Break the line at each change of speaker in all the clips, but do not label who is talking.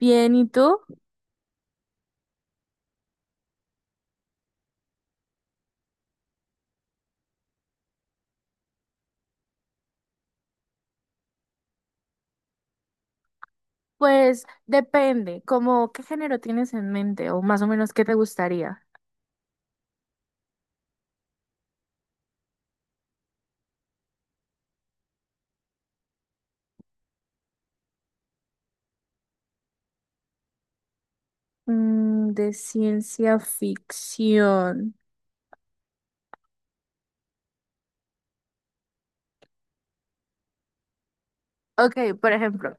Bien, ¿y tú? Pues depende, ¿como qué género tienes en mente o más o menos qué te gustaría? De ciencia ficción. Ok, por ejemplo,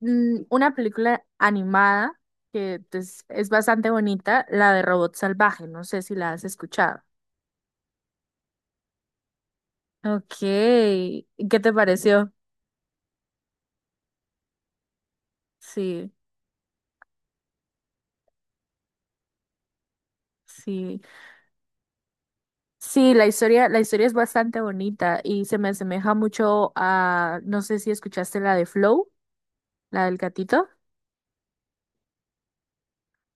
una película animada que, pues, es bastante bonita, la de Robot Salvaje, no sé si la has escuchado. Ok, ¿y qué te pareció? Sí, sí. Sí, la historia es bastante bonita y se me asemeja mucho a, no sé si escuchaste la de Flow, la del gatito.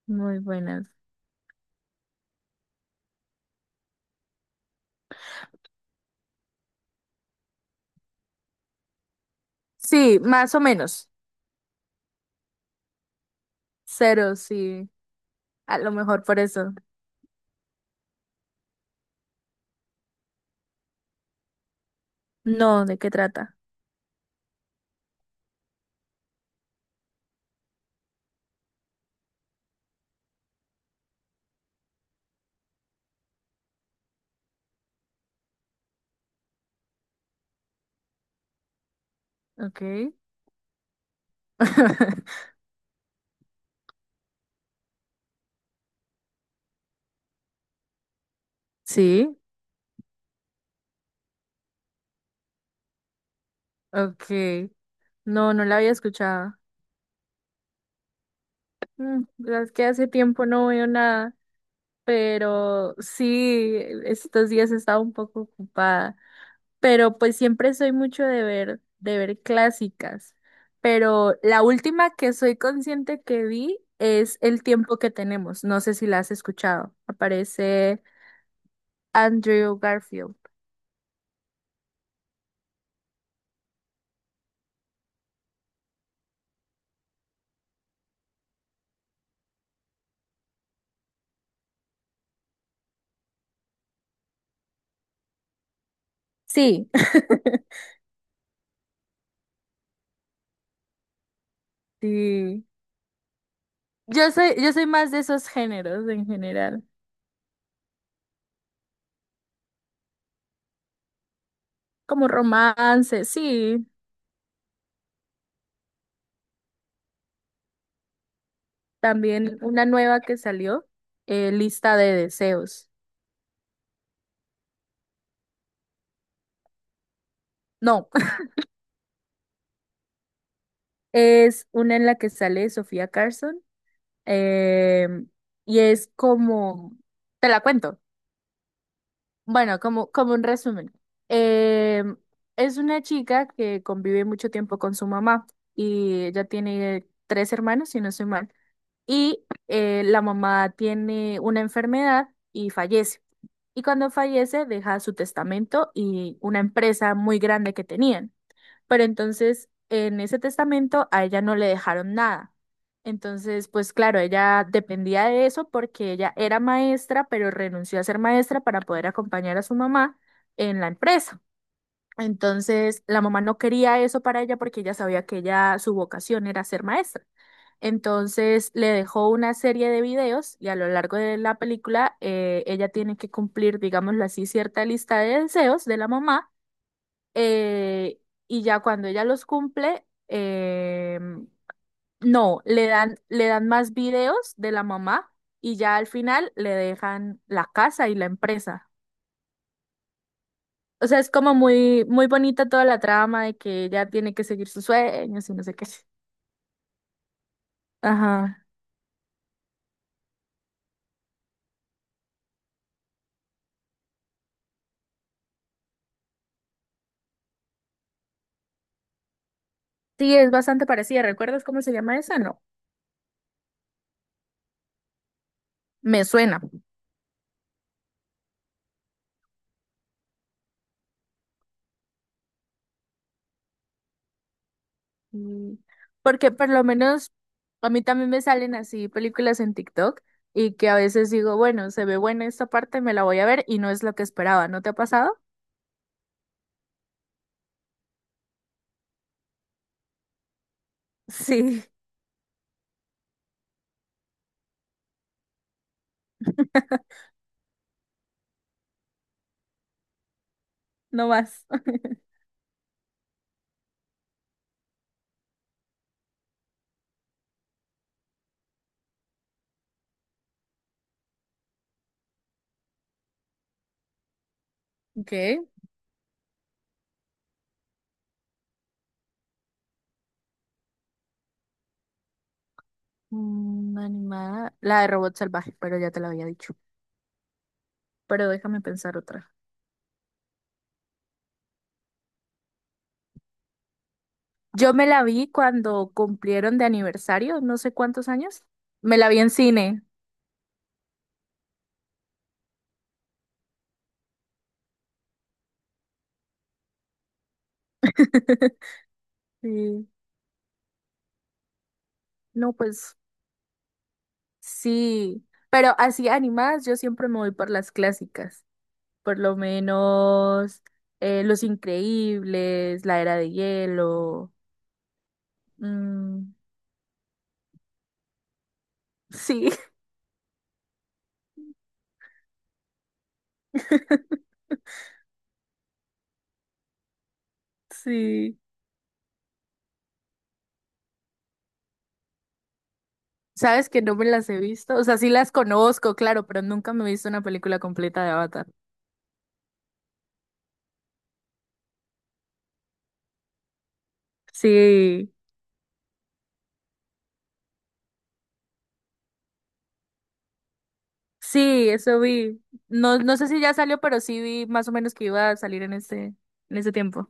Muy buenas. Sí, más o menos. Cero, sí. A lo mejor por eso. No, ¿de qué trata? Ok. Sí, ok. No, no la había escuchado. La verdad es que hace tiempo no veo nada. Pero sí, estos días he estado un poco ocupada, pero pues siempre soy mucho de ver clásicas, pero la última que soy consciente que vi es El tiempo que tenemos, no sé si la has escuchado, aparece Andrew Garfield. Sí, sí. Yo soy más de esos géneros en general, como romance, sí, también una nueva que salió, Lista de deseos. No. Es una en la que sale Sofía Carson, em, y es como, te la cuento, bueno, como, como un resumen. Em, es una chica que convive mucho tiempo con su mamá y ella tiene tres hermanos, si no soy mal, y la mamá tiene una enfermedad y fallece. Y cuando fallece deja su testamento y una empresa muy grande que tenían. Pero entonces en ese testamento a ella no le dejaron nada. Entonces, pues claro, ella dependía de eso porque ella era maestra, pero renunció a ser maestra para poder acompañar a su mamá en la empresa. Entonces, la mamá no quería eso para ella porque ella sabía que ella, su vocación era ser maestra. Entonces le dejó una serie de videos y a lo largo de la película ella tiene que cumplir, digámoslo así, cierta lista de deseos de la mamá, eh, y ya cuando ella los cumple, no, le dan más videos de la mamá y ya al final le dejan la casa y la empresa. O sea, es como muy, muy bonita toda la trama de que ella tiene que seguir sus sueños y no sé qué. Ajá. Sí, es bastante parecida. ¿Recuerdas cómo se llama esa? No, me suena. Mm, Porque por lo menos a mí también me salen así películas en TikTok y que a veces digo, bueno, se ve buena esta parte, me la voy a ver y no es lo que esperaba. ¿No te ha pasado? Sí, no más. Ok. Animada. La de Robot Salvaje, pero ya te la había dicho. Pero déjame pensar otra. Yo me la vi cuando cumplieron de aniversario, no sé cuántos años. Me la vi en cine. Sí. No, pues sí. Pero así animadas, yo siempre me voy por las clásicas. Por lo menos Los Increíbles, La Era de Hielo. mm, sí, sí. Sabes que no me las he visto, o sea, sí las conozco, claro, pero nunca me he visto una película completa de Avatar. Sí, sí, eso vi. No, no sé si ya salió, pero sí vi más o menos que iba a salir en este, en ese tiempo.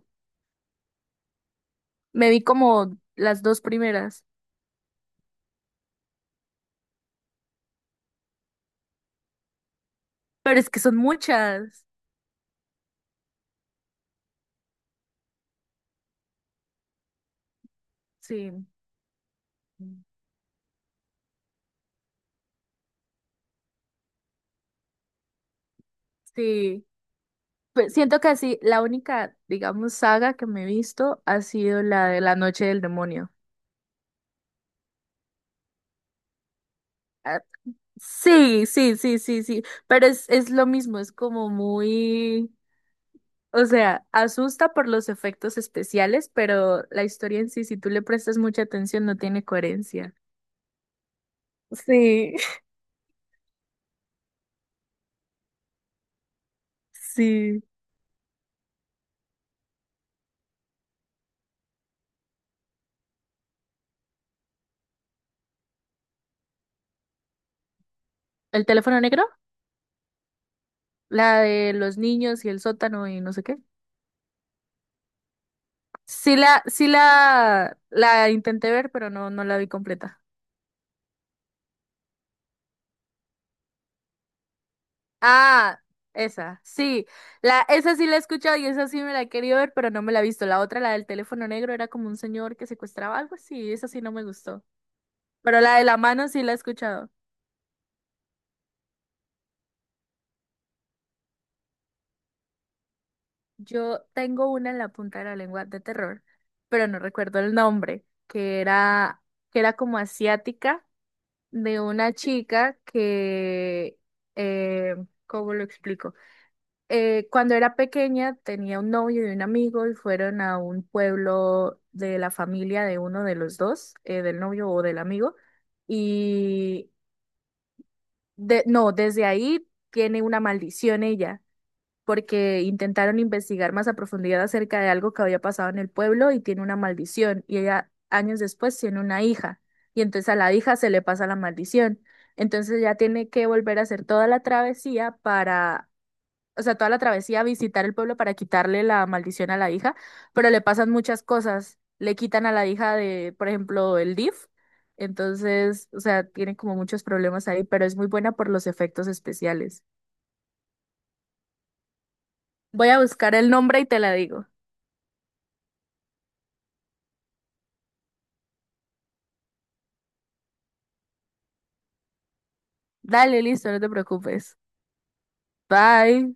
Me vi como las dos primeras, pero es que son muchas. Sí, sí. Pues siento que así, la única, digamos, saga que me he visto ha sido la de La Noche del Demonio. Ah, sí, sí, sí, sí, sí, pero es lo mismo, es como muy, o sea, asusta por los efectos especiales, pero la historia en sí, si tú le prestas mucha atención, no tiene coherencia. Sí, sí. ¿El teléfono negro? La de los niños y el sótano y no sé qué. Sí la, sí la intenté ver, pero no, no la vi completa. Ah, esa, sí. La, esa sí la he escuchado y esa sí me la he querido ver, pero no me la he visto. La otra, la del teléfono negro, era como un señor que secuestraba algo así, esa sí no me gustó. Pero la de la mano sí la he escuchado. Yo tengo una en la punta de la lengua de terror, pero no recuerdo el nombre, que era como asiática, de una chica que, eh, ¿cómo lo explico? Cuando era pequeña tenía un novio y un amigo y fueron a un pueblo de la familia de uno de los dos, del novio o del amigo, y no, desde ahí tiene una maldición ella, porque intentaron investigar más a profundidad acerca de algo que había pasado en el pueblo y tiene una maldición, y ella años después tiene una hija, y entonces a la hija se le pasa la maldición. Entonces ya tiene que volver a hacer toda la travesía para, o sea, toda la travesía a visitar el pueblo para quitarle la maldición a la hija, pero le pasan muchas cosas. Le quitan a la hija de, por ejemplo, el DIF. Entonces, o sea, tiene como muchos problemas ahí, pero es muy buena por los efectos especiales. Voy a buscar el nombre y te la digo. Dale, listo, no te preocupes. Bye.